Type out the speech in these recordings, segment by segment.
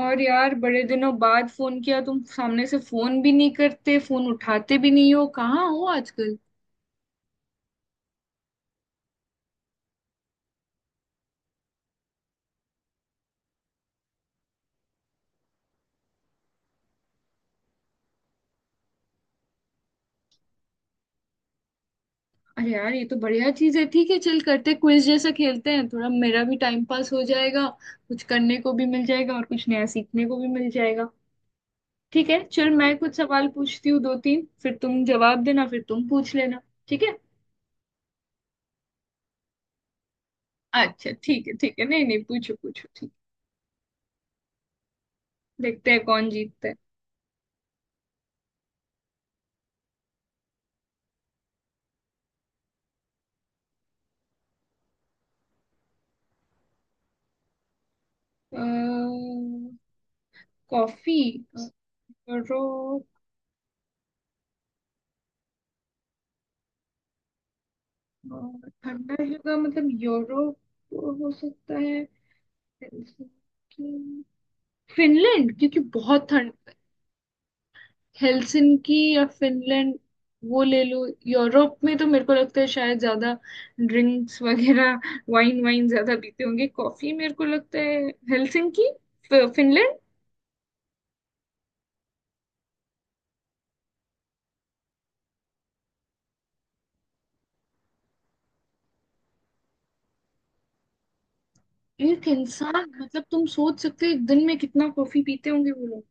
और यार बड़े दिनों बाद फोन किया। तुम सामने से फोन भी नहीं करते, फोन उठाते भी नहीं हो। कहाँ हो आजकल? अरे यार, ये तो बढ़िया चीज है। ठीक है, चल करते, क्विज जैसा खेलते हैं। थोड़ा मेरा भी टाइम पास हो जाएगा, कुछ करने को भी मिल जाएगा और कुछ नया सीखने को भी मिल जाएगा। ठीक है, चल मैं कुछ सवाल पूछती हूँ दो तीन, फिर तुम जवाब देना, फिर तुम पूछ लेना। ठीक है। अच्छा, ठीक है, ठीक है, नहीं नहीं, पूछो पूछो, ठीक। देखते हैं कौन जीतता है। अ, कॉफी करो। और ठंडा जगह मतलब यूरोप। हो सकता है। हेलसिंकी, फिनलैंड, क्योंकि बहुत ठंड। हेलसिंकी या फिनलैंड, वो ले लो। यूरोप में तो मेरे को लगता है शायद ज्यादा ड्रिंक्स वगैरह, वाइन वाइन ज्यादा पीते होंगे, कॉफी मेरे को लगता है। Helsinki, Finland. एक इंसान मतलब तुम सोच सकते हो एक दिन में कितना कॉफी पीते होंगे वो लोग।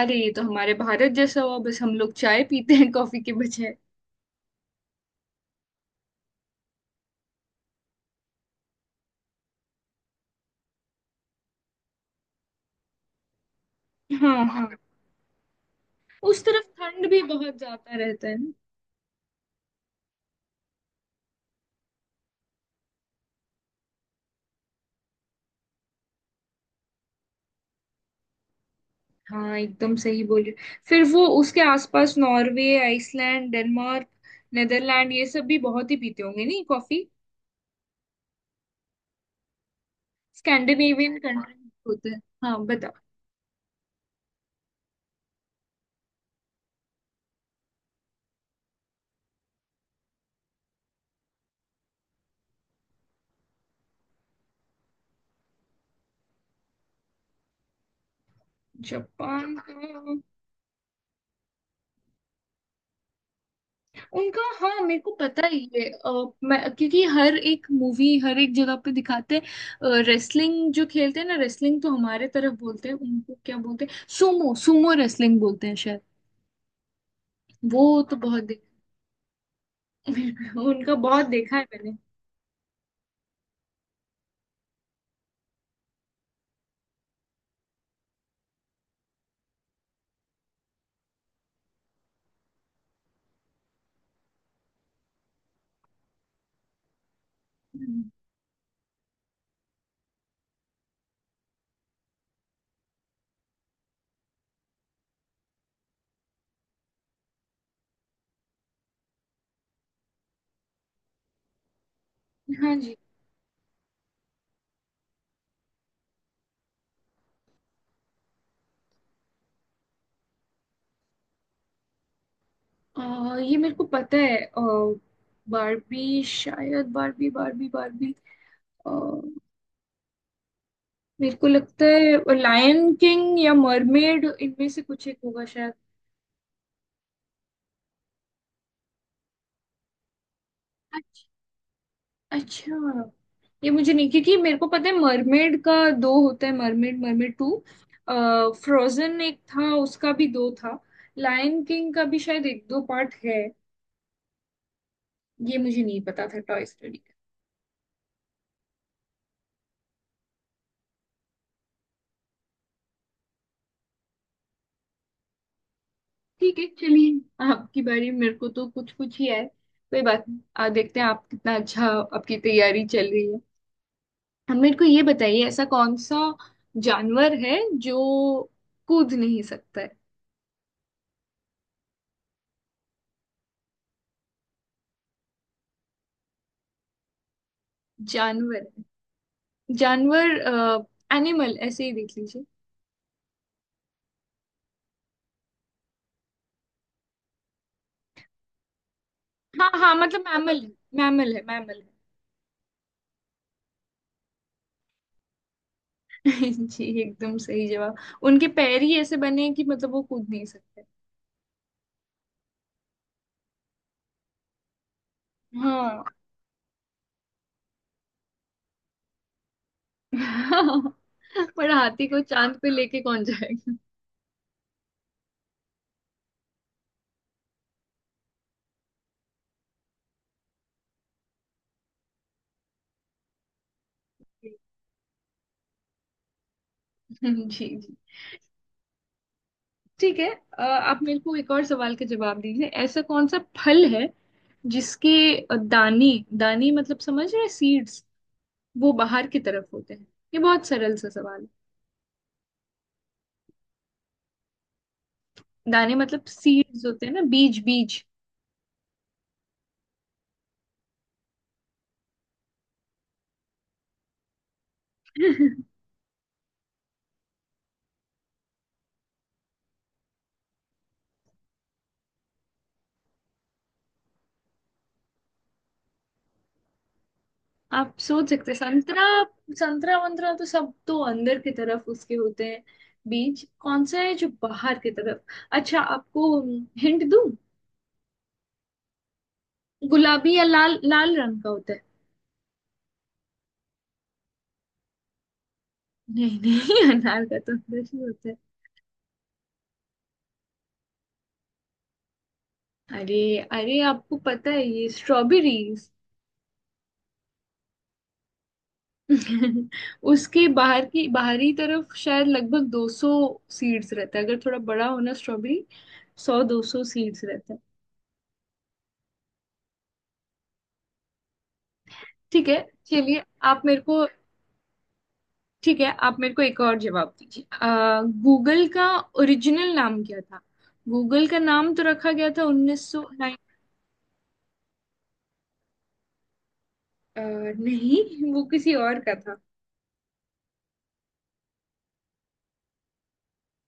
अरे ये तो हमारे भारत जैसा हुआ, बस हम लोग चाय पीते हैं कॉफी के बजाय। हाँ हाँ, उस तरफ ठंड भी बहुत ज्यादा रहता है ना। हाँ, एकदम सही बोले। फिर वो उसके आसपास नॉर्वे, आइसलैंड, डेनमार्क, नेदरलैंड, ये सब भी बहुत ही पीते होंगे नहीं कॉफी? स्कैंडिनेवियन कंट्री होते हैं। हाँ बता। जापान का। उनका हाँ मेरे को पता ही है। मैं क्योंकि हर एक मूवी हर एक जगह पे दिखाते हैं, रेसलिंग जो खेलते हैं ना, रेसलिंग तो हमारे तरफ बोलते हैं, उनको क्या बोलते हैं, सुमो, सुमो रेसलिंग बोलते हैं शायद। वो तो बहुत उनका बहुत देखा है मैंने। हम्म। हाँ जी। अ, ये मेरे को पता है। बारबी शायद, बारबी बारबी बारबी। अ, मेरे को लगता है लायन किंग या मरमेड, इनमें से कुछ एक होगा शायद। अच्छा, अच्छा, ये मुझे नहीं, क्योंकि मेरे को पता है मरमेड का दो होता है, मरमेड, मरमेड टू। फ्रोजन एक था, उसका भी दो था। लायन किंग का भी शायद एक दो पार्ट है। ये मुझे नहीं पता था, टॉय स्टोरी। ठीक है, चलिए आपकी बारी। मेरे को तो कुछ कुछ ही है, कोई बात नहीं। आ देखते हैं आप कितना, अच्छा आपकी तैयारी चल रही है। अब मेरे को ये बताइए, ऐसा कौन सा जानवर है जो कूद नहीं सकता है? जानवर है, जानवर, एनिमल, ऐसे ही देख लीजिए। हाँ हाँ, मतलब मैमल है, मैमल है, मैमल है। जी एकदम सही जवाब। उनके पैर ही ऐसे बने हैं कि, मतलब वो कूद नहीं सकते। हाँ। पर हाथी को चांद पे लेके कौन जाएगा? जी जी। ठीक है, आप मेरे को एक और सवाल का जवाब दीजिए। ऐसा कौन सा फल है जिसके दाने, दाने मतलब समझ रहे सीड्स, वो बाहर की तरफ होते हैं? ये बहुत सरल सा सवाल है। दाने मतलब सीड्स होते हैं ना, बीज बीज। आप सोच सकते हैं संतरा? संतरा वंतरा तो सब तो अंदर की तरफ उसके होते हैं। बीज कौन सा है जो बाहर की तरफ? अच्छा आपको हिंट दूं, गुलाबी या लाल लाल रंग का होता है। नहीं नहीं अनार का तो अंदर ही होता है। अरे अरे, आपको पता है, ये स्ट्रॉबेरीज। उसके बाहर की बाहरी तरफ शायद लगभग 200 सीड्स रहता है। अगर थोड़ा बड़ा हो ना स्ट्रॉबेरी, 100 200 सीड्स रहता है। ठीक है, चलिए आप मेरे को, ठीक है आप मेरे को एक और जवाब दीजिए। आ, गूगल का ओरिजिनल नाम क्या था? गूगल का नाम तो रखा गया था 1900 नाइन। नहीं, वो किसी और का था।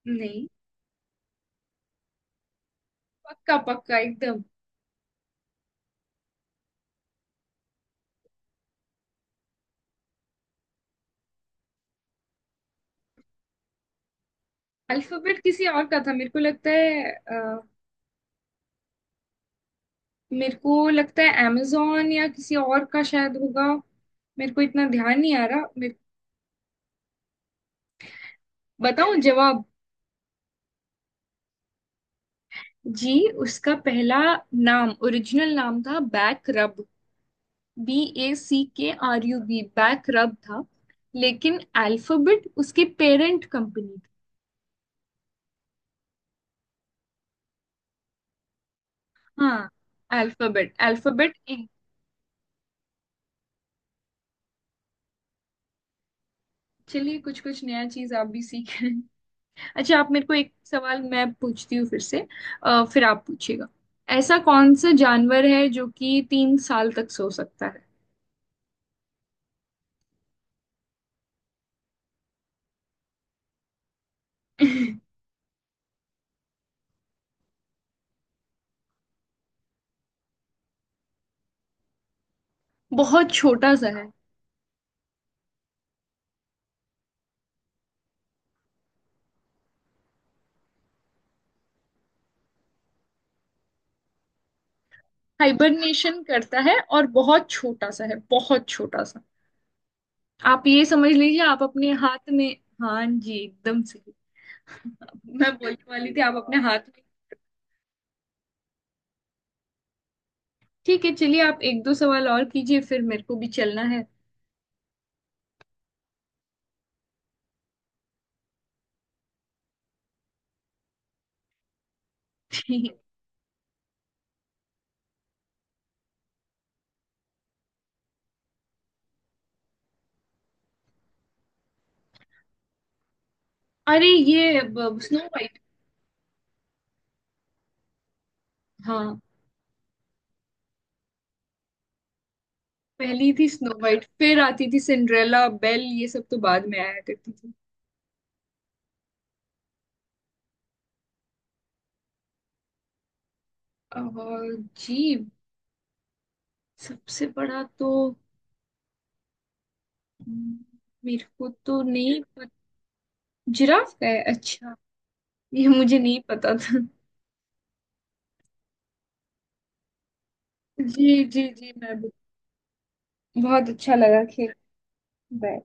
नहीं, पक्का पक्का, एकदम। अल्फाबेट किसी और का था मेरे को लगता है। मेरे को लगता है amazon या किसी और का शायद होगा। मेरे को इतना ध्यान नहीं आ रहा मेरे। बताऊं जवाब? जी, उसका पहला नाम, ओरिजिनल नाम था बैक रब। BACKRUB, बैक रब था। लेकिन अल्फाबेट उसकी पेरेंट कंपनी थी। हाँ, अल्फाबेट, अल्फाबेट इंक। चलिए, कुछ कुछ नया चीज आप भी सीख रहे हैं। अच्छा, आप मेरे को, एक सवाल मैं पूछती हूँ फिर से। फिर आप पूछिएगा। ऐसा कौन सा जानवर है जो कि 3 साल तक सो सकता है? बहुत छोटा सा है। हाइबरनेशन करता है और बहुत छोटा सा है, बहुत छोटा सा। आप ये समझ लीजिए, आप अपने हाथ में। हाँ जी, एकदम सही। मैं बोलने वाली थी, आप अपने हाथ में। ठीक है, चलिए आप एक दो सवाल और कीजिए, फिर मेरे को भी चलना है। अरे ये, स्नो वाइट। हाँ, पहली थी स्नो वाइट, फिर आती थी सिंड्रेला, बेल, ये सब तो बाद में आया करती थी। और जी, सबसे बड़ा तो, हम्म, मेरे को तो नहीं पता। जिराफ का है? अच्छा, ये मुझे नहीं पता था। जी जी जी, मैं भी, बहुत अच्छा लगा खेल। बाय।